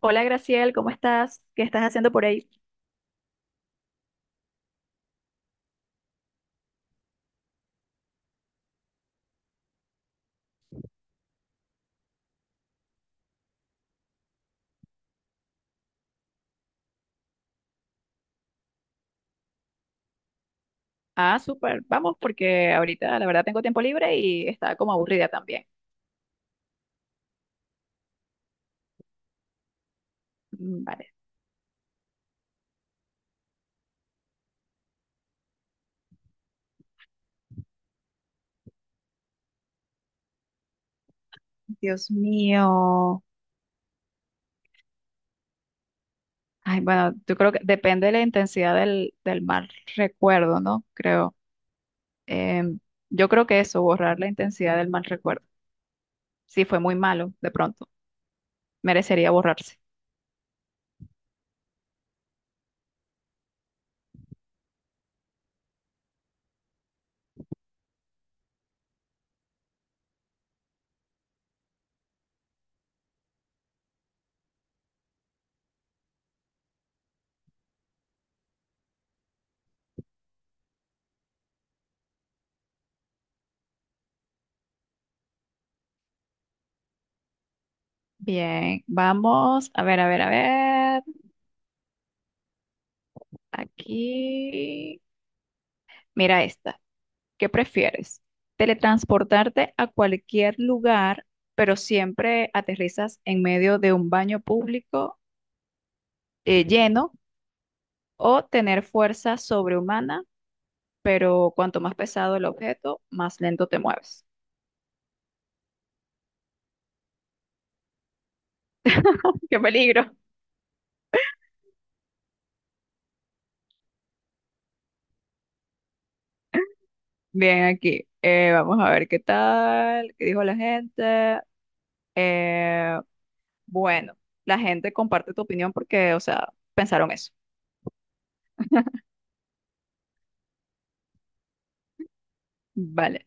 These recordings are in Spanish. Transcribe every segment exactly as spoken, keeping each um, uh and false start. Hola Graciel, ¿cómo estás? ¿Qué estás haciendo por ahí? Ah, súper, vamos, porque ahorita la verdad tengo tiempo libre y estaba como aburrida también. Mm, vale. Dios mío. Ay, bueno, yo creo que depende de la intensidad del, del mal recuerdo, ¿no? Creo. Em, yo creo que eso, borrar la intensidad del mal recuerdo. Si fue muy malo, de pronto, merecería borrarse. Bien, vamos, a ver, a ver, a ver. Aquí, mira esta. ¿Qué prefieres? ¿Teletransportarte a cualquier lugar, pero siempre aterrizas en medio de un baño público eh, lleno? ¿O tener fuerza sobrehumana, pero cuanto más pesado el objeto, más lento te mueves? ¡Qué peligro! Bien, aquí. Eh, vamos a ver qué tal, qué dijo la gente. Eh, bueno, la gente comparte tu opinión porque, o sea, pensaron eso. Vale.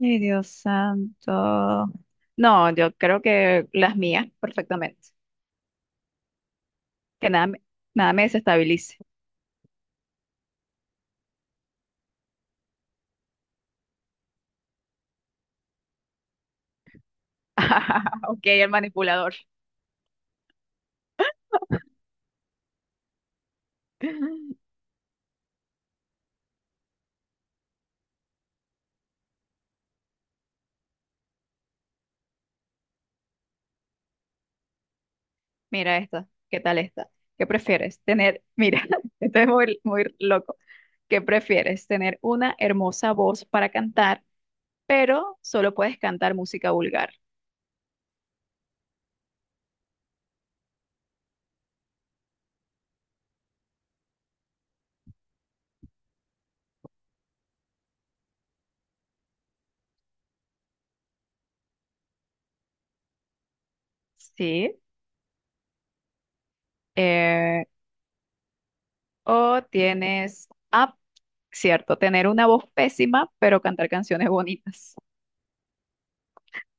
Ay, Dios santo. No, yo creo que las mías perfectamente. Que nada me, Nada me desestabilice. Ok, el manipulador. Mira esta. ¿Qué tal esta? ¿Qué prefieres? Tener, mira, esto es muy, muy loco. ¿Qué prefieres? Tener una hermosa voz para cantar, pero solo puedes cantar música vulgar. Sí. Eh, o tienes, ah, cierto, Tener una voz pésima, pero cantar canciones bonitas.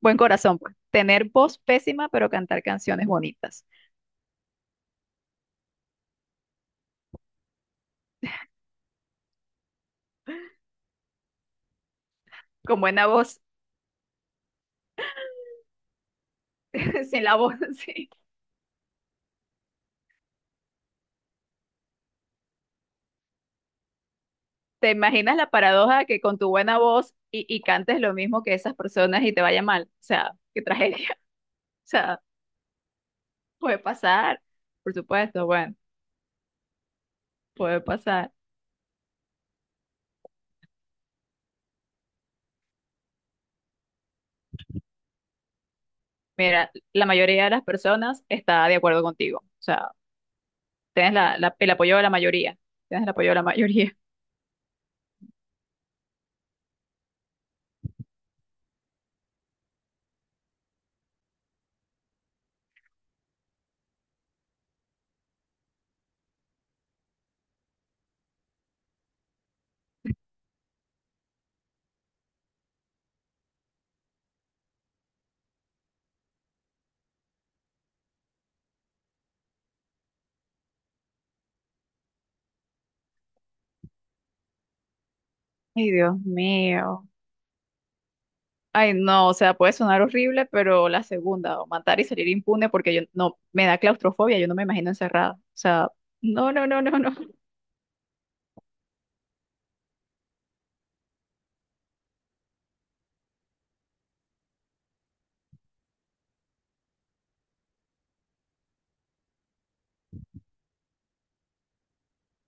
Buen corazón, pues. Tener voz pésima, pero cantar canciones bonitas. Con buena voz, sin la voz, sí. ¿Te imaginas la paradoja que con tu buena voz y, y cantes lo mismo que esas personas y te vaya mal? O sea, qué tragedia. O sea, puede pasar, por supuesto, bueno, puede pasar. Mira, la mayoría de las personas está de acuerdo contigo. O sea, tienes la, la- el apoyo de la mayoría. Tienes el apoyo de la mayoría. Ay, Dios mío. Ay, no, o sea, puede sonar horrible, pero la segunda, o matar y salir impune, porque yo no, me da claustrofobia, yo no me imagino encerrada. O sea, no, no, no, no, no.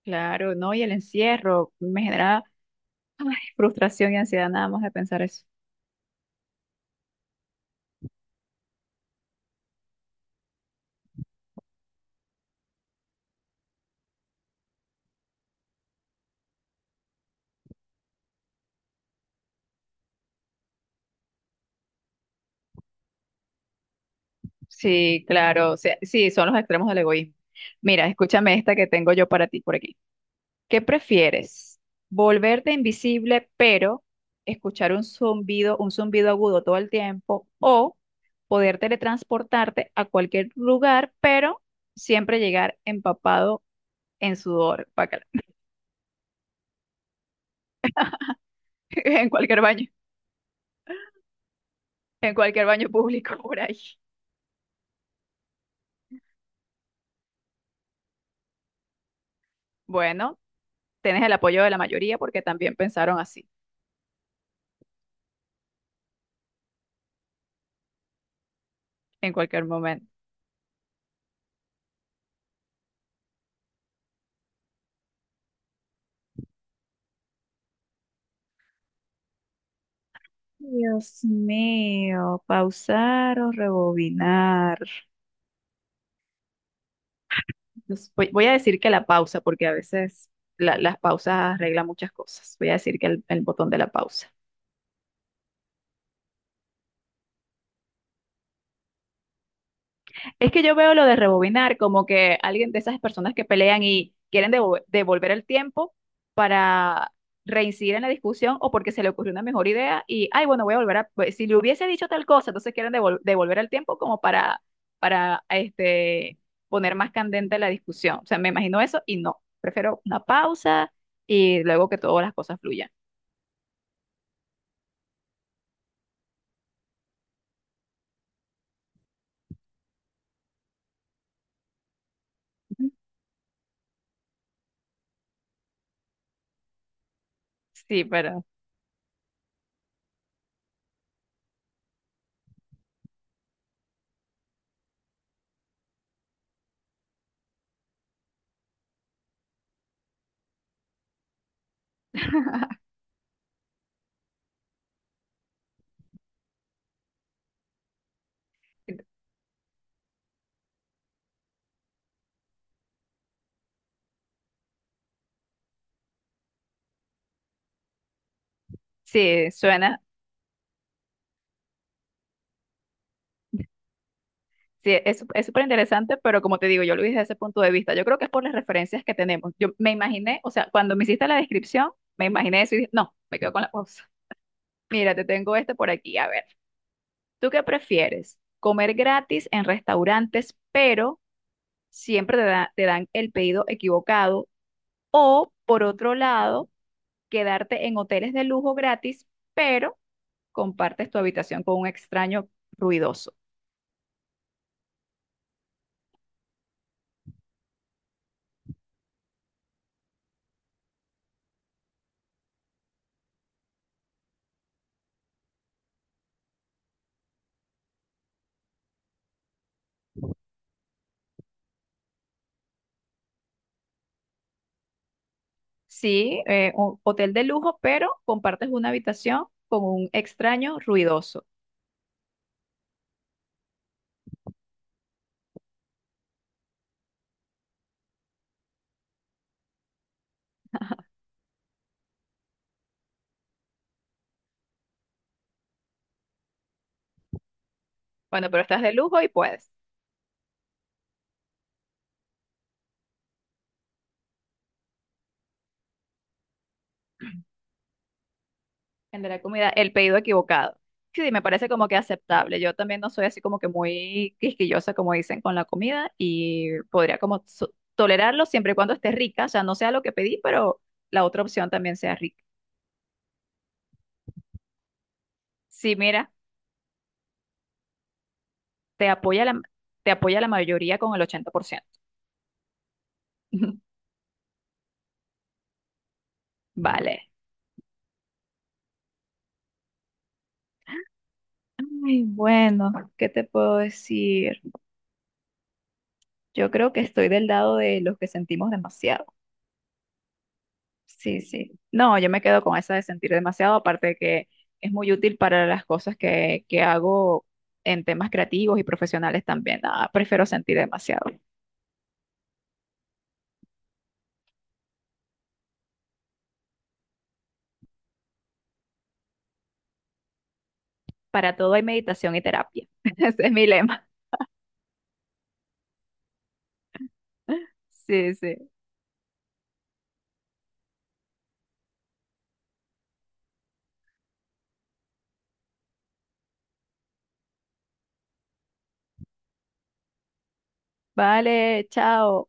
Claro, no, y el encierro me genera, ay, frustración y ansiedad nada más de pensar eso. Sí, claro, o sea, sí, son los extremos del egoísmo. Mira, escúchame esta que tengo yo para ti por aquí. ¿Qué prefieres? ¿Volverte invisible, pero escuchar un zumbido, un zumbido agudo todo el tiempo? ¿O poder teletransportarte a cualquier lugar, pero siempre llegar empapado en sudor, guácala, en cualquier baño, en cualquier baño público por ahí? Bueno, tienes el apoyo de la mayoría porque también pensaron así, en cualquier momento. Dios mío, pausar o rebobinar. Entonces, voy, voy a decir que la pausa, porque a veces la- las pausas arreglan muchas cosas. Voy a decir que el, el botón de la pausa. Es que yo veo lo de rebobinar como que alguien de esas personas que pelean y quieren devo- devolver el tiempo para reincidir en la discusión o porque se le ocurrió una mejor idea y, ay, bueno, voy a volver a, pues, si le hubiese dicho tal cosa, entonces quieren devol- devolver el tiempo como para, para, este, poner más candente la discusión. O sea, me imagino eso y no. Prefiero una pausa y luego que todas las cosas fluyan. Sí, pero sí, suena, sí, es, es súper interesante, pero como te digo, yo lo vi desde ese punto de vista. Yo creo que es por las referencias que tenemos. Yo me imaginé, o sea, cuando me hiciste la descripción, me imaginé eso y dije, no, me quedo con la cosa. Mira, te tengo este por aquí. A ver, ¿tú qué prefieres? ¿Comer gratis en restaurantes, pero siempre te, da- te dan el pedido equivocado? O, por otro lado, quedarte en hoteles de lujo gratis, pero compartes tu habitación con un extraño ruidoso. Sí, eh, un hotel de lujo, pero compartes una habitación con un extraño ruidoso. Bueno, pero estás de lujo y puedes vender comida, el pedido equivocado. Sí, me parece como que aceptable. Yo también no soy así como que muy quisquillosa, como dicen, con la comida y podría como so- tolerarlo siempre y cuando esté rica, o sea, no sea lo que pedí, pero la otra opción también sea rica. Sí, mira, te apoya la, te apoya la mayoría con el ochenta por ciento. Vale. Ay, bueno, ¿qué te puedo decir? Yo creo que estoy del lado de los que sentimos demasiado. Sí, sí. No, yo me quedo con esa de sentir demasiado, aparte de que es muy útil para las cosas que, que hago en temas creativos y profesionales también. Ah, prefiero sentir demasiado. Para todo hay meditación y terapia. Ese es mi lema. Sí, sí. Vale, chao.